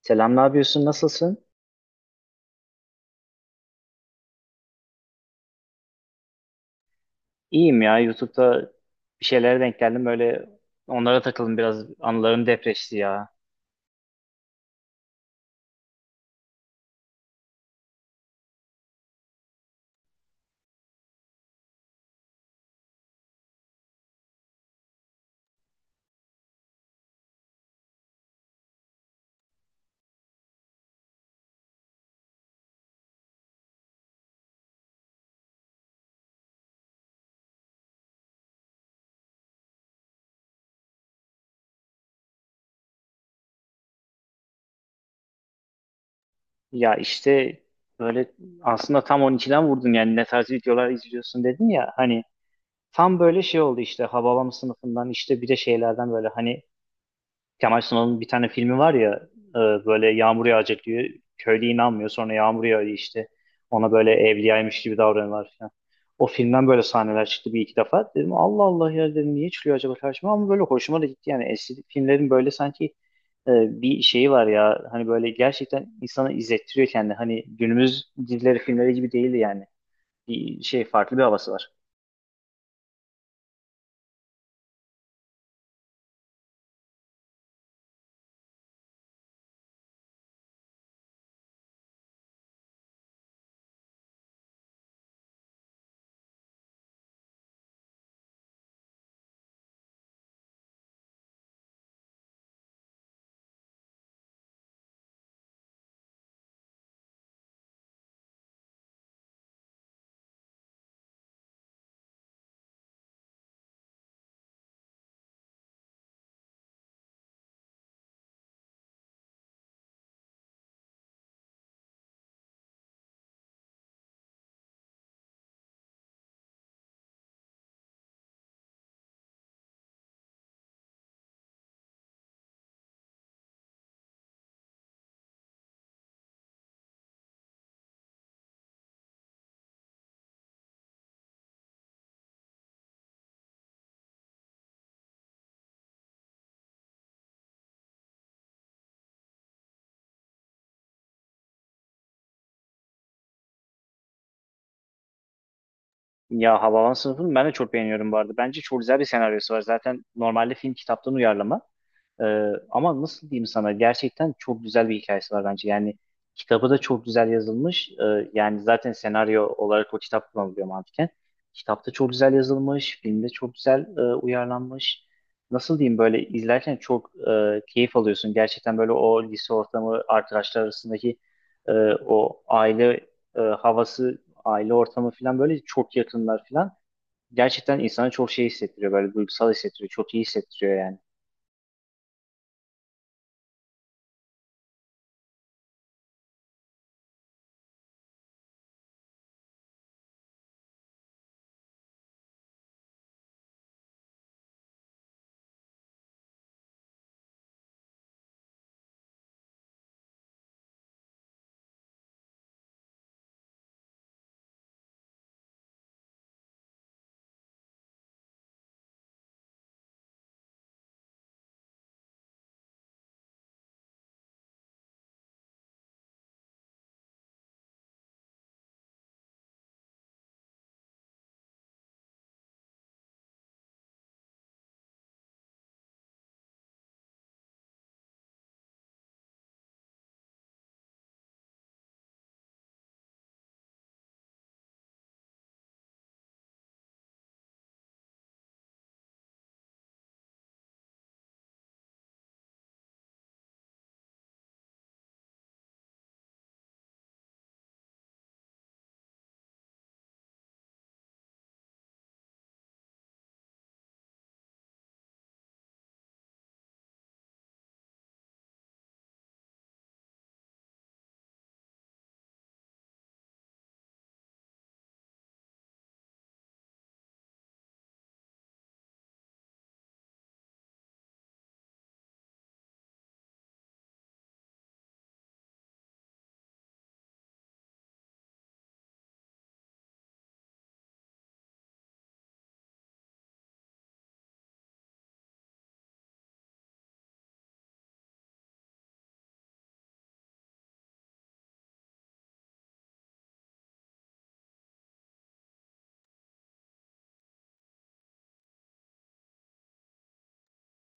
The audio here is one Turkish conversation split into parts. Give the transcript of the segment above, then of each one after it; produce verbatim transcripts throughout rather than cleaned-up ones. Selam, ne yapıyorsun? Nasılsın? İyiyim ya. YouTube'da bir şeylere denk geldim. Böyle onlara takıldım biraz. Anılarım depreşti ya. Ya işte böyle aslında tam on ikiden vurdun yani, ne tarz videolar izliyorsun dedin ya. Hani tam böyle şey oldu işte Hababam sınıfından işte bir de şeylerden böyle hani Kemal Sunal'ın bir tane filmi var ya, e, böyle yağmur yağacak diyor. Köylü inanmıyor, sonra yağmur yağıyor işte. Ona böyle evliyaymış gibi davranıyorlar falan. O filmden böyle sahneler çıktı bir iki defa. Dedim Allah Allah ya, dedim niye çıkıyor acaba karşıma, ama böyle hoşuma da gitti. Yani eski filmlerin böyle sanki e, bir şeyi var ya, hani böyle gerçekten insanı izlettiriyor kendi. Hani günümüz dizileri filmleri gibi değildi yani. Bir şey farklı bir havası var. Ya Havalan sınıfını ben de çok beğeniyorum bu arada. Bence çok güzel bir senaryosu var. Zaten normalde film kitaptan uyarlama. Ee, ama nasıl diyeyim sana, gerçekten çok güzel bir hikayesi var bence. Yani kitabı da çok güzel yazılmış. Ee, yani zaten senaryo olarak o kitap kullanılıyor mantıken. Kitapta çok güzel yazılmış. Filmde çok güzel e, uyarlanmış. Nasıl diyeyim, böyle izlerken çok e, keyif alıyorsun. Gerçekten böyle o lise ortamı, arkadaşlar arasındaki e, o aile e, havası, aile ortamı falan, böyle çok yakınlar falan. Gerçekten insana çok şey hissettiriyor, böyle duygusal hissettiriyor. Çok iyi hissettiriyor yani.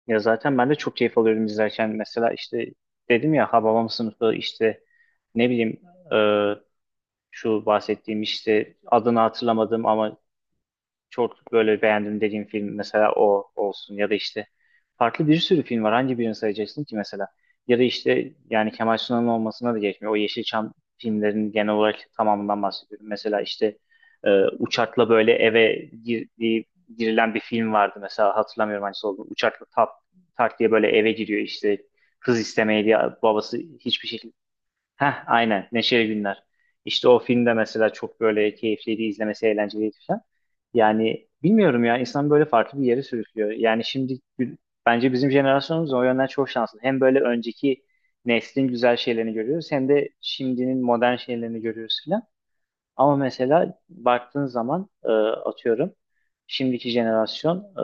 Ya zaten ben de çok keyif alıyorum izlerken. Mesela işte dedim ya, Hababam sınıfı işte ne bileyim, e, şu bahsettiğim işte adını hatırlamadım, ama çok böyle beğendim dediğim film mesela o olsun, ya da işte farklı bir sürü film var. Hangi birini sayacaksın ki mesela? Ya da işte yani Kemal Sunal'ın olmasına da geçmiyor. O Yeşilçam filmlerinin genel olarak tamamından bahsediyorum. Mesela işte e, uçakla böyle eve girdiği, girilen bir film vardı mesela, hatırlamıyorum hangisi olduğunu. Uçakla tak, tak diye böyle eve giriyor işte, kız istemeye diye, babası hiçbir şekilde. Heh, aynen. Neşeli Günler. İşte o filmde mesela çok böyle keyifliydi, izlemesi eğlenceliydi falan. Yani bilmiyorum ya, insan böyle farklı bir yere sürüklüyor. Yani şimdi gü- bence bizim jenerasyonumuz o yönden çok şanslı. Hem böyle önceki neslin güzel şeylerini görüyoruz, hem de şimdinin modern şeylerini görüyoruz falan. Ama mesela baktığın zaman e, atıyorum şimdiki jenerasyon e,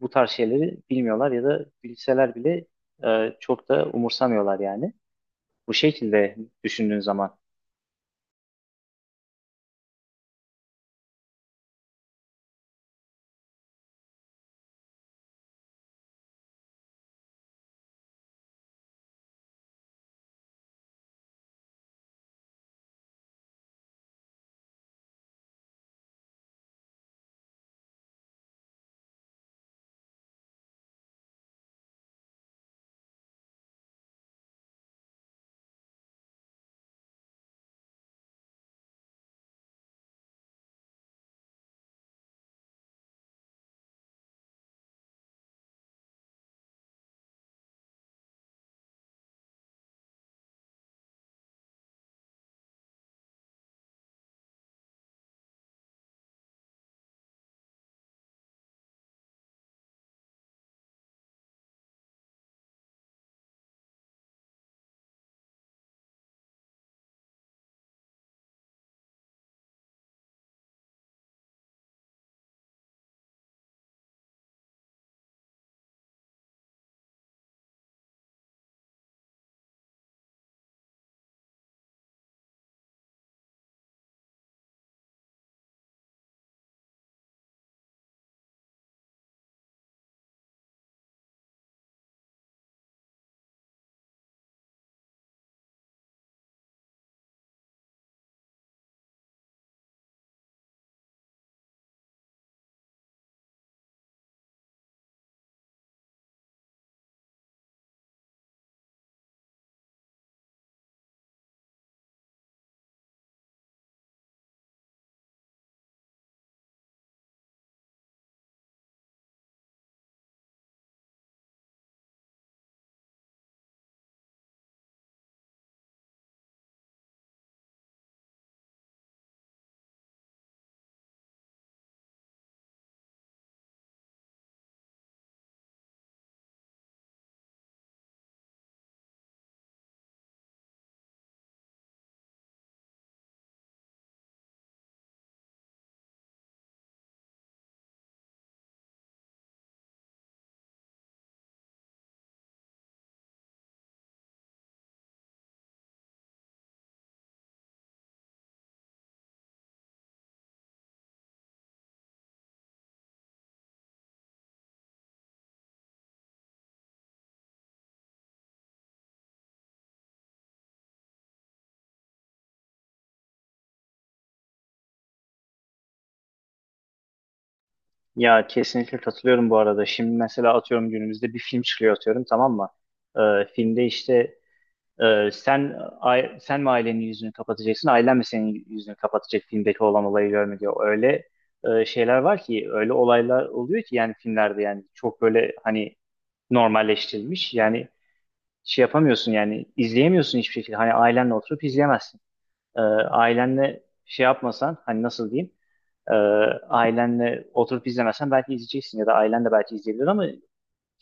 bu tarz şeyleri bilmiyorlar, ya da bilseler bile e, çok da umursamıyorlar yani. Bu şekilde düşündüğün zaman. Ya kesinlikle katılıyorum bu arada. Şimdi mesela atıyorum günümüzde bir film çıkıyor, atıyorum tamam mı? Ee, filmde işte e, sen ai- sen mi ailenin yüzünü kapatacaksın, ailen mi senin yüzünü kapatacak filmdeki olan olayı görme diyor. Öyle e, şeyler var ki, öyle olaylar oluyor ki yani filmlerde, yani çok böyle hani normalleştirilmiş. Yani şey yapamıyorsun, yani izleyemiyorsun hiçbir şekilde. Hani ailenle oturup izleyemezsin. Ee, ailenle şey yapmasan, hani nasıl diyeyim? Ee, ailenle oturup izlemezsen belki izleyeceksin, ya da ailen de belki izleyebilir, ama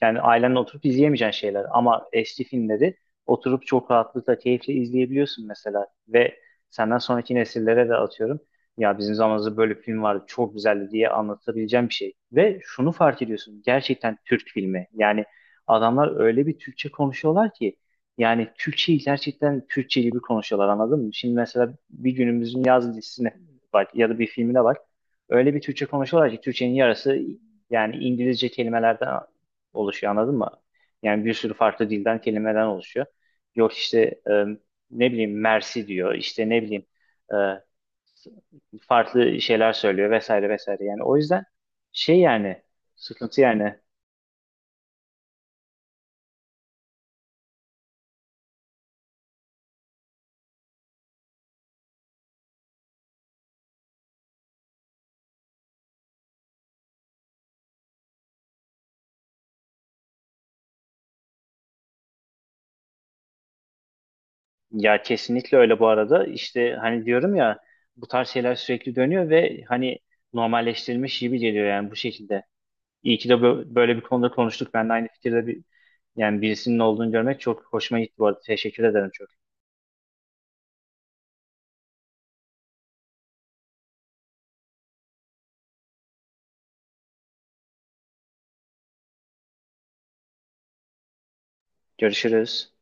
yani ailenle oturup izleyemeyeceğin şeyler. Ama H D filmleri oturup çok rahatlıkla, keyifle izleyebiliyorsun mesela. Ve senden sonraki nesillere de atıyorum. Ya bizim zamanımızda böyle bir film vardı, çok güzeldi diye anlatabileceğim bir şey. Ve şunu fark ediyorsun, gerçekten Türk filmi. Yani adamlar öyle bir Türkçe konuşuyorlar ki, yani Türkçeyi gerçekten Türkçe gibi konuşuyorlar, anladın mı? Şimdi mesela bir günümüzün yaz dizisine bak, ya da bir filmine bak. Öyle bir Türkçe konuşuyorlar ki Türkçenin yarısı yani İngilizce kelimelerden oluşuyor, anladın mı? Yani bir sürü farklı dilden kelimeden oluşuyor. Yok işte e, ne bileyim mersi diyor, işte ne bileyim e, farklı şeyler söylüyor vesaire vesaire. Yani o yüzden şey yani sıkıntı yani. Ya kesinlikle öyle bu arada, işte hani diyorum ya bu tarz şeyler sürekli dönüyor ve hani normalleştirilmiş gibi geliyor yani bu şekilde. İyi ki de bö- böyle bir konuda konuştuk. Ben de aynı fikirde bir, yani birisinin olduğunu görmek çok hoşuma gitti bu arada. Teşekkür ederim çok. Görüşürüz.